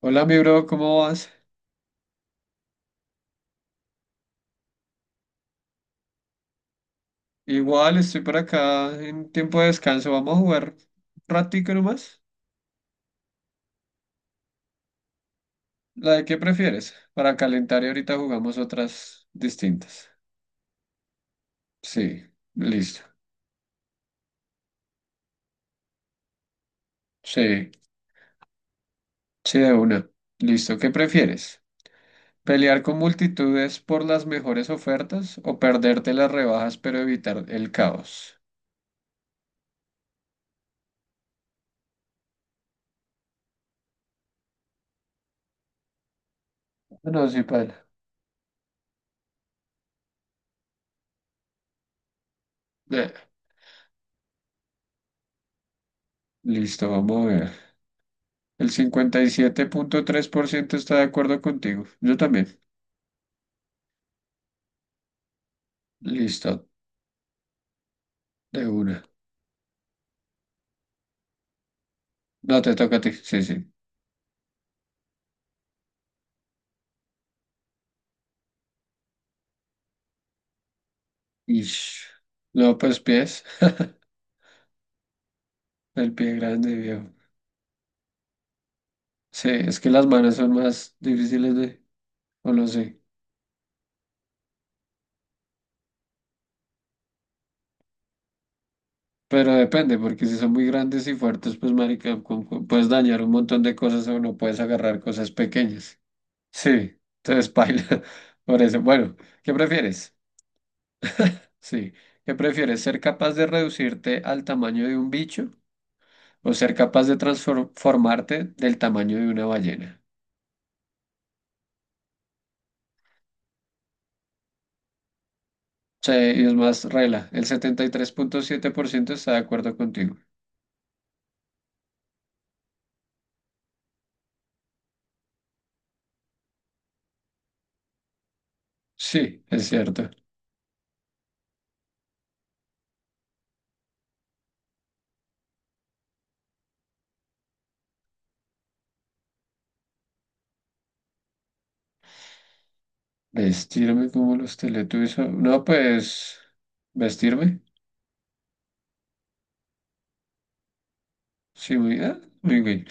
Hola, mi bro, ¿cómo vas? Igual estoy por acá en tiempo de descanso. Vamos a jugar un ratico nomás. ¿La de qué prefieres? Para calentar y ahorita jugamos otras distintas. Sí, listo. Sí, sí, de una. Listo, ¿qué prefieres? ¿Pelear con multitudes por las mejores ofertas o perderte las rebajas pero evitar el caos? No, sí, paila. Eh, Listo, vamos a ver. El 57,3% está de acuerdo contigo. Yo también. Listo. De una. No, te toca a ti. Sí, sí. Ish. No, pues pies. El pie grande, viejo. Sí, es que las manos son más difíciles de. O no sé. Pero depende, porque si son muy grandes y fuertes, pues, marica, puedes dañar un montón de cosas o no puedes agarrar cosas pequeñas. Sí, entonces paila. Por eso, bueno, ¿qué prefieres? Sí. ¿Qué prefieres? ¿Ser capaz de reducirte al tamaño de un bicho o ser capaz de transformarte del tamaño de una ballena? Sí, y es más regla. El 73,7% está de acuerdo contigo. Sí, es cierto. Vestirme como los Teletubbies. No, pues, vestirme. Sí, muy, ah, muy bien.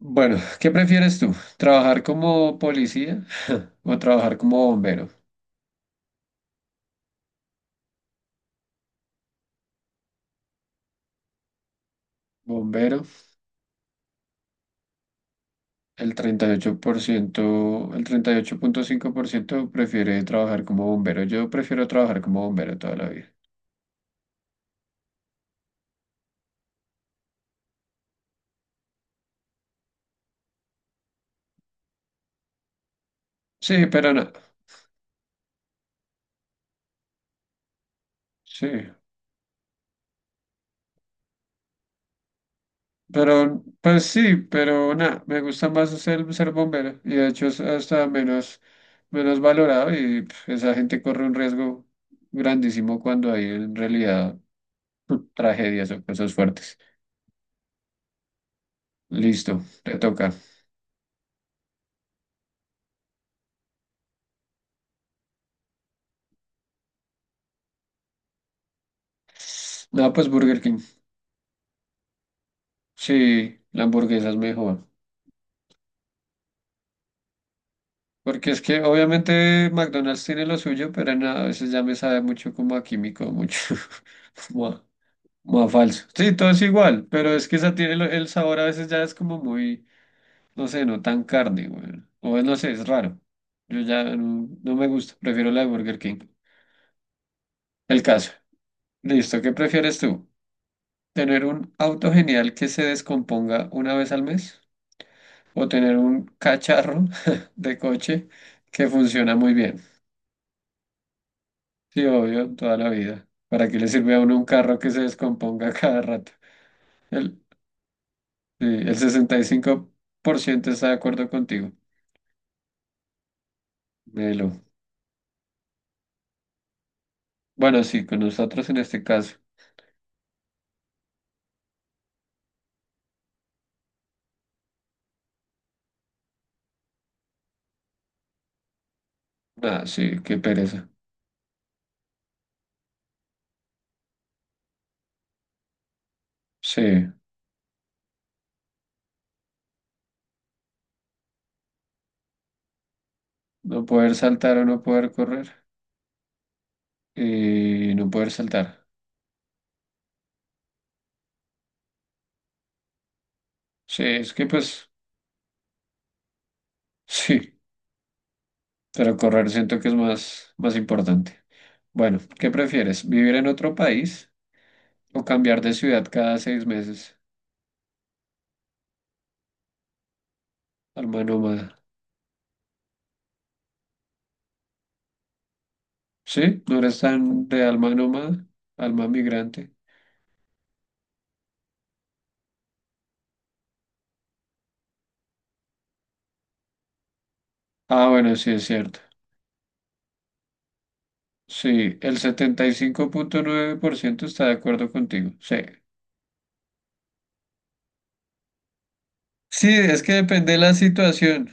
Bueno, ¿qué prefieres tú? ¿Trabajar como policía o trabajar como bombero? Bombero, el 38% el 38,5% prefiere trabajar como bombero. Yo prefiero trabajar como bombero toda la vida. Sí, pero no. Sí. Pero, pues sí, pero nada, me gusta más ser bombero y de hecho es hasta menos valorado y pf, esa gente corre un riesgo grandísimo cuando hay en realidad tragedias o cosas fuertes. Listo, te toca. No, pues Burger King. Sí, la hamburguesa es mejor. Porque es que obviamente McDonald's tiene lo suyo, pero nada, a veces ya me sabe mucho como a químico, mucho como a, como a falso. Sí, todo es igual, pero es que esa tiene el sabor a veces ya es como muy, no sé, no tan carne, weón. O no sé, es raro. Yo ya no, no me gusta, prefiero la de Burger King. El caso. Listo, ¿qué prefieres tú? ¿Tener un auto genial que se descomponga una vez al mes? ¿O tener un cacharro de coche que funciona muy bien? Sí, obvio, toda la vida. ¿Para qué le sirve a uno un carro que se descomponga cada rato? El, sí, el 65% está de acuerdo contigo. Melo. Bueno, sí, con nosotros en este caso. Ah, sí, qué pereza. Sí. No poder saltar o no poder correr. No poder saltar. Sí, es que pues sí, pero correr siento que es más, más importante. Bueno, ¿qué prefieres? ¿Vivir en otro país o cambiar de ciudad cada 6 meses? Alma nómada. Sí, no eres tan de alma nómada, alma migrante. Ah, bueno, sí es cierto. Sí, el 75,9% está de acuerdo contigo. Sí. Sí, es que depende de la situación.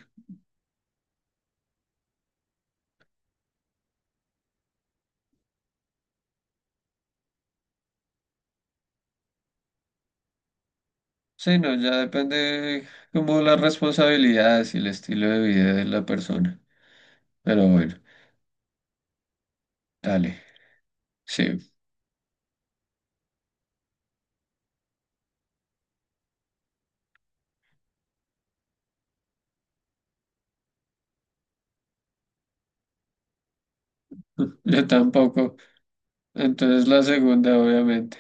Sí, no, ya depende como las responsabilidades y el estilo de vida de la persona. Pero bueno, dale. Sí, yo tampoco. Entonces la segunda, obviamente.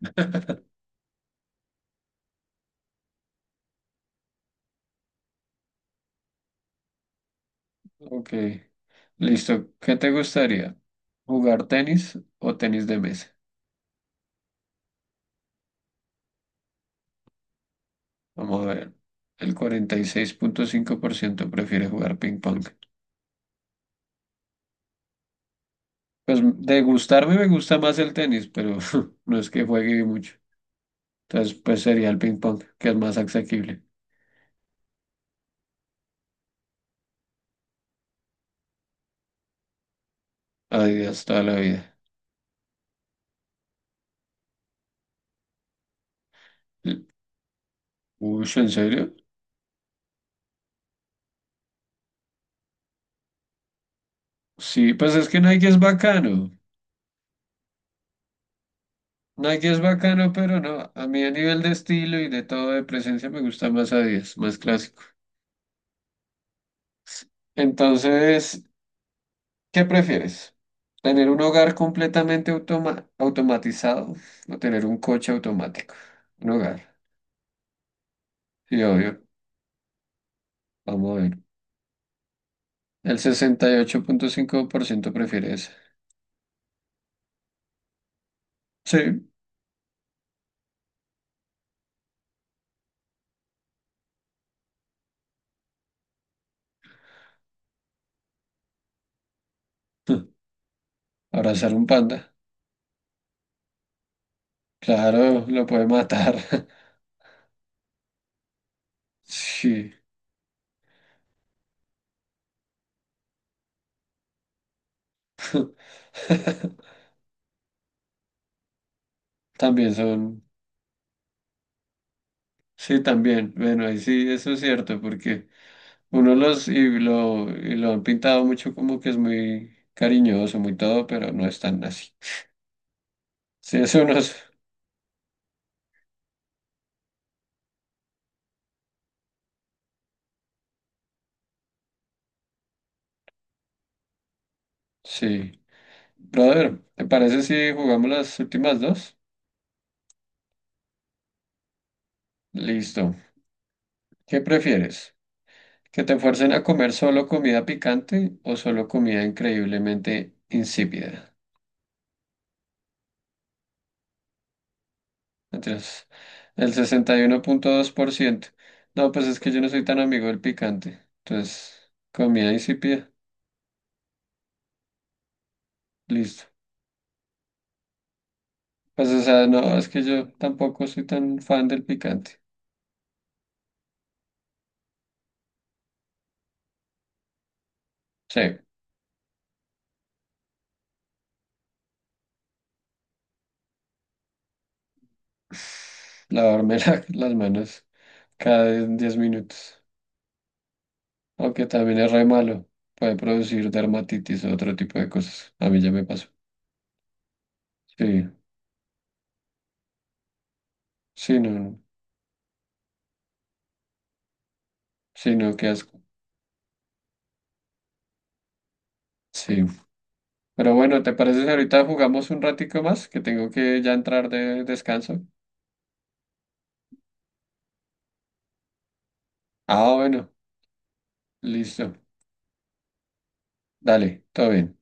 Ok, listo. ¿Qué te gustaría? ¿Jugar tenis o tenis de mesa? Vamos a ver. El 46,5% prefiere jugar ping pong. Pues de gustarme me gusta más el tenis, pero no es que juegue mucho. Entonces, pues sería el ping pong, que es más asequible. Adiós, toda la vida. Uy, ¿sí, ¿en serio? Sí, pues es que Nike es bacano. Nike es bacano, pero no. A mí a nivel de estilo y de todo de presencia me gusta más Adidas, más clásico. Entonces, ¿qué prefieres? ¿Tener un hogar completamente automatizado o tener un coche automático? Un hogar. Sí, obvio. Vamos a ver. El 68,5% prefiere eso. Sí. Abrazar un panda. Claro, lo puede matar. Sí. También son, sí, también. Bueno, ahí sí, eso es cierto, porque uno y lo han pintado mucho como que es muy cariñoso, muy todo, pero no es tan así. Sí, eso unos, sí. Brother, ¿te parece si jugamos las últimas dos? Listo. ¿Qué prefieres? ¿Que te fuercen a comer solo comida picante o solo comida increíblemente insípida? Entonces, el 61,2%. No, pues es que yo no soy tan amigo del picante. Entonces, comida insípida. Listo. Pues, o sea, no, es que yo tampoco soy tan fan del picante. Sí. Lavarme las manos cada 10 minutos. Aunque también es re malo. Puede producir dermatitis o otro tipo de cosas. A mí ya me pasó. Sí, sí, no, sí, no, qué asco. Sí. Pero bueno, ¿te parece si ahorita jugamos un ratico más? Que tengo que ya entrar de descanso. Ah, bueno, listo. Dale, todo bien.